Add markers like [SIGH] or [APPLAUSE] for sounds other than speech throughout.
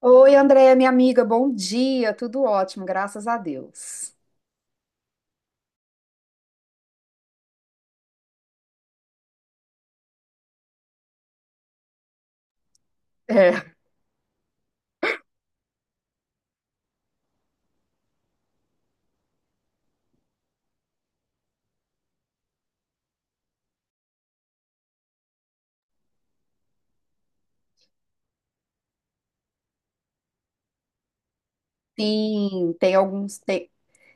Oi, Andréia, minha amiga, bom dia, tudo ótimo, graças a Deus. É, sim, tem alguns. Tem,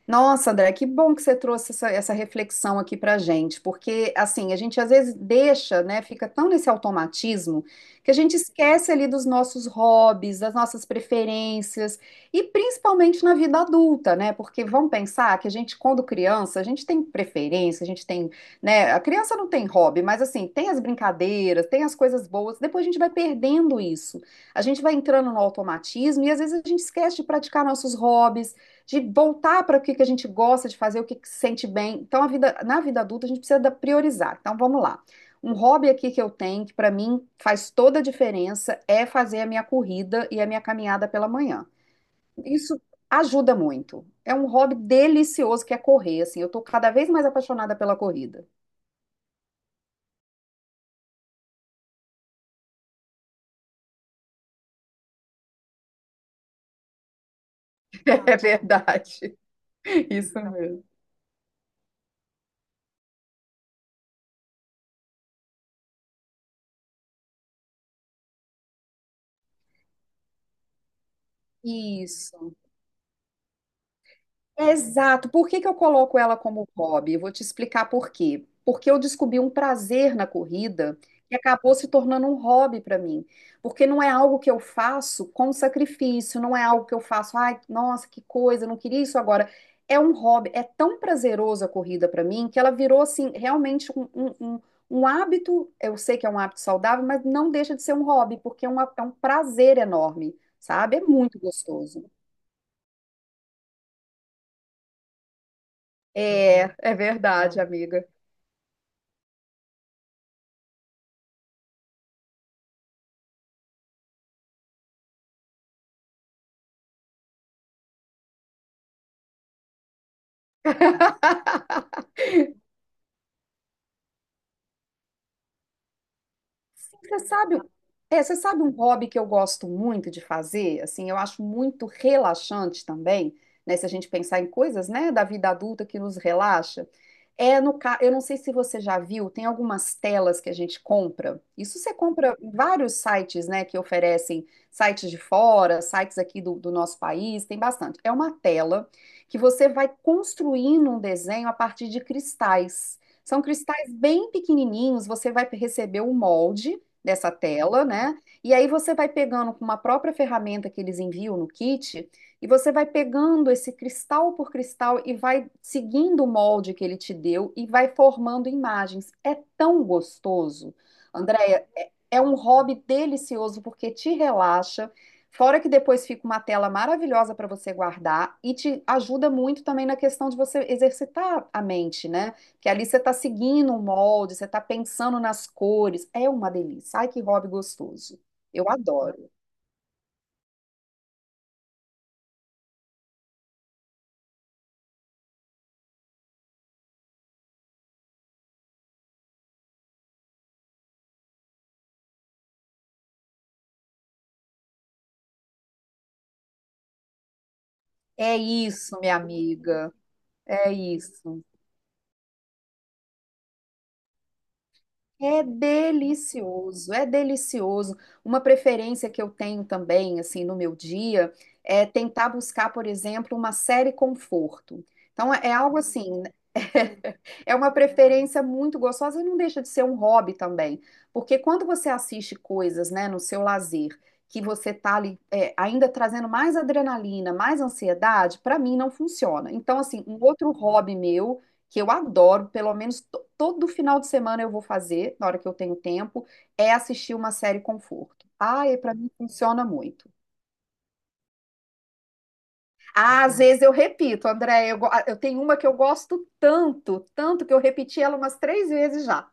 nossa, André, que bom que você trouxe essa reflexão aqui pra gente, porque assim, a gente às vezes deixa, né, fica tão nesse automatismo que a gente esquece ali dos nossos hobbies, das nossas preferências e principalmente na vida adulta, né? Porque vamos pensar que a gente quando criança, a gente tem preferência, a gente tem, né, a criança não tem hobby, mas assim, tem as brincadeiras, tem as coisas boas, depois a gente vai perdendo isso. A gente vai entrando no automatismo e às vezes a gente esquece de praticar nossos hobbies de voltar para o que que a gente gosta de fazer, o que que se sente bem. Então, a vida, na vida adulta, a gente precisa priorizar. Então, vamos lá. Um hobby aqui que eu tenho, que para mim faz toda a diferença, é fazer a minha corrida e a minha caminhada pela manhã. Isso ajuda muito. É um hobby delicioso que é correr, assim. Eu estou cada vez mais apaixonada pela corrida. [LAUGHS] É verdade. Isso mesmo. Isso. Exato. Por que que eu coloco ela como hobby? Eu vou te explicar por quê. Porque eu descobri um prazer na corrida que acabou se tornando um hobby para mim. Porque não é algo que eu faço com sacrifício, não é algo que eu faço, ai, nossa, que coisa, eu não queria isso agora. É um hobby, é tão prazeroso a corrida para mim que ela virou assim, realmente um hábito. Eu sei que é um hábito saudável, mas não deixa de ser um hobby, porque é um prazer enorme, sabe? É muito gostoso. É, é verdade, amiga. Sim, você sabe um hobby que eu gosto muito de fazer, assim, eu acho muito relaxante também, né, se a gente pensar em coisas, né, da vida adulta que nos relaxa, é eu não sei se você já viu, tem algumas telas que a gente compra, isso você compra em vários sites, né, que oferecem sites de fora, sites aqui do nosso país, tem bastante, é uma tela que você vai construindo um desenho a partir de cristais. São cristais bem pequenininhos, você vai receber o molde dessa tela, né? E aí você vai pegando com uma própria ferramenta que eles enviam no kit, e você vai pegando esse cristal por cristal e vai seguindo o molde que ele te deu e vai formando imagens. É tão gostoso. Andréia, é um hobby delicioso porque te relaxa. Fora que depois fica uma tela maravilhosa para você guardar e te ajuda muito também na questão de você exercitar a mente, né? Que ali você está seguindo o molde, você está pensando nas cores. É uma delícia. Ai, que hobby gostoso. Eu adoro. É isso, minha amiga. É isso. É delicioso, é delicioso. Uma preferência que eu tenho também, assim, no meu dia, é tentar buscar, por exemplo, uma série conforto. Então, é algo assim, [LAUGHS] é uma preferência muito gostosa e não deixa de ser um hobby também. Porque quando você assiste coisas, né, no seu lazer, que você tá ali, é, ainda trazendo mais adrenalina, mais ansiedade, para mim não funciona. Então, assim, um outro hobby meu que eu adoro, pelo menos todo final de semana eu vou fazer, na hora que eu tenho tempo, é assistir uma série conforto. Ah, e para mim funciona muito. Ah, às vezes eu repito, André, eu tenho uma que eu gosto tanto, tanto que eu repeti ela umas três vezes já.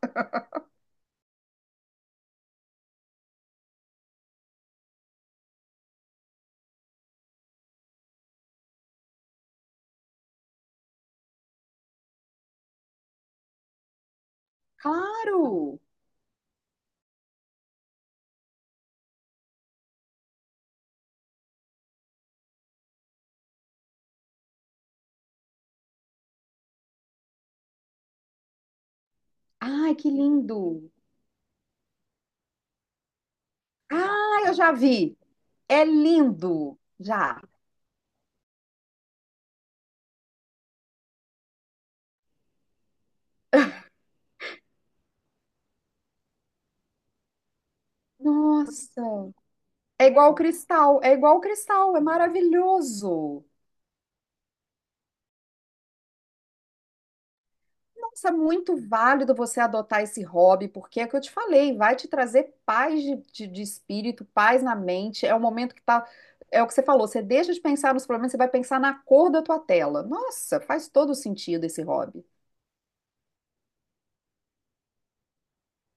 Claro! Ai, que lindo! Ah, eu já vi. É lindo. Já. Nossa. É igual o cristal, é igual o cristal, é maravilhoso. Nossa, é muito válido você adotar esse hobby, porque é o que eu te falei, vai te trazer paz de espírito, paz na mente. É o momento que tá. É o que você falou, você deixa de pensar nos problemas, você vai pensar na cor da tua tela. Nossa, faz todo sentido esse hobby.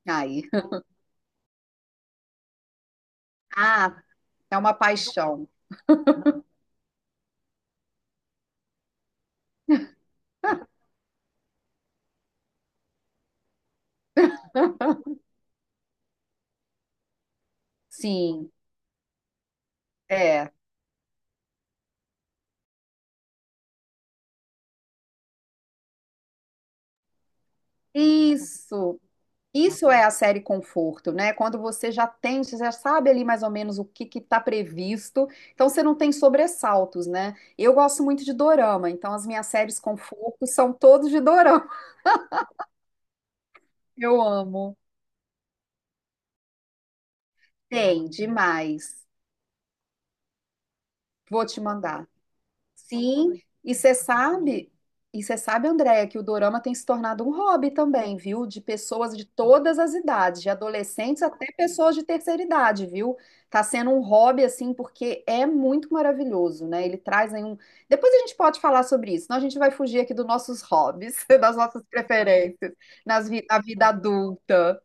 Aí. [LAUGHS] Ah, é uma paixão. [LAUGHS] Sim, é. Isso. Isso é a série Conforto, né? Quando você já tem, você já sabe ali mais ou menos o que que tá previsto, então você não tem sobressaltos, né? Eu gosto muito de dorama, então as minhas séries Conforto são todas de dorama. [LAUGHS] Eu amo. Tem, demais. Vou te mandar. Sim, e você sabe, Andréia, que o dorama tem se tornado um hobby também, viu? De pessoas de todas as idades, de adolescentes até pessoas de terceira idade, viu? Tá sendo um hobby, assim, porque é muito maravilhoso, né? Ele traz aí um. Depois a gente pode falar sobre isso, senão a gente vai fugir aqui dos nossos hobbies, [LAUGHS] das nossas preferências, na vida adulta.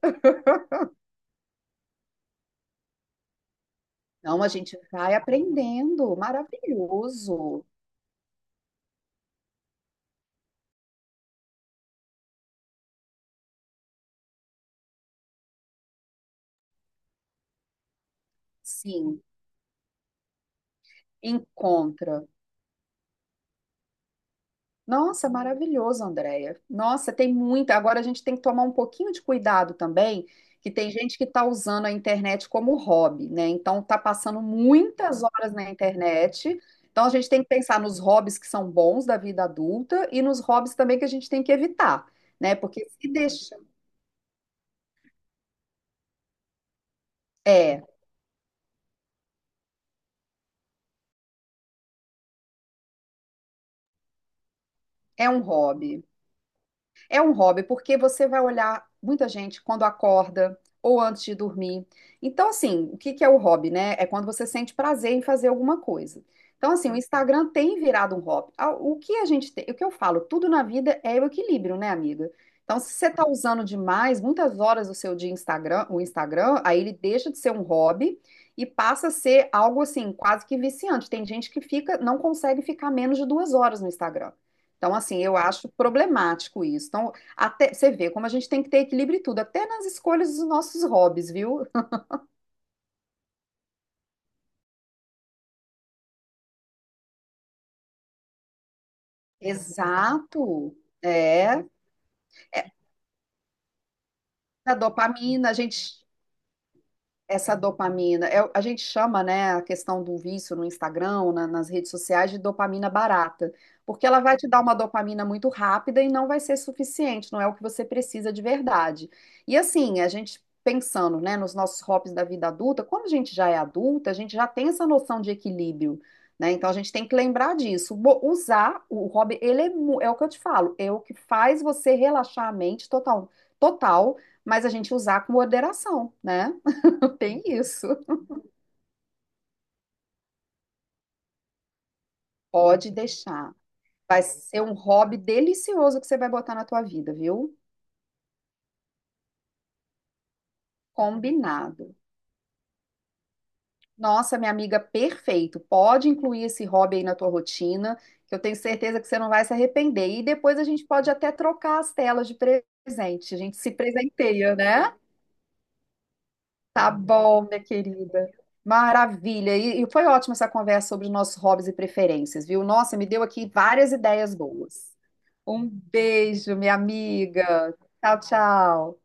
Não, a gente vai aprendendo, maravilhoso. Sim, encontra. Nossa, maravilhoso, Andréia. Nossa, tem muita. Agora a gente tem que tomar um pouquinho de cuidado também, que tem gente que está usando a internet como hobby, né? Então está passando muitas horas na internet. Então a gente tem que pensar nos hobbies que são bons da vida adulta e nos hobbies também que a gente tem que evitar, né? Porque se deixa. É, é um hobby. É um hobby, porque você vai olhar muita gente quando acorda ou antes de dormir. Então, assim, o que que é o hobby, né? É quando você sente prazer em fazer alguma coisa. Então, assim, o Instagram tem virado um hobby. Ah, o que a gente tem, o que eu falo, tudo na vida é o equilíbrio, né, amiga? Então, se você está usando demais, muitas horas do seu dia Instagram, o Instagram, aí ele deixa de ser um hobby e passa a ser algo assim, quase que viciante. Tem gente que fica, não consegue ficar menos de 2 horas no Instagram. Então, assim, eu acho problemático isso. Então, até você vê como a gente tem que ter equilíbrio em tudo, até nas escolhas dos nossos hobbies, viu? [LAUGHS] Exato. É, da dopamina, a gente essa dopamina, a gente chama, né, a questão do vício no Instagram, nas redes sociais, de dopamina barata, porque ela vai te dar uma dopamina muito rápida e não vai ser suficiente, não é o que você precisa de verdade. E assim, a gente pensando, né, nos nossos hobbies da vida adulta, quando a gente já é adulta, a gente já tem essa noção de equilíbrio, né? Então a gente tem que lembrar disso. Usar o hobby, ele é, é o que eu te falo, é o que faz você relaxar a mente total, total, mas a gente usar com moderação, né? Tem isso. Pode deixar. Vai ser um hobby delicioso que você vai botar na tua vida, viu? Combinado. Nossa, minha amiga, perfeito. Pode incluir esse hobby aí na tua rotina, que eu tenho certeza que você não vai se arrepender. E depois a gente pode até trocar as telas de presente. A gente se presenteia, né? Tá bom, minha querida. Maravilha. E foi ótima essa conversa sobre os nossos hobbies e preferências, viu? Nossa, me deu aqui várias ideias boas. Um beijo, minha amiga. Tchau, tchau.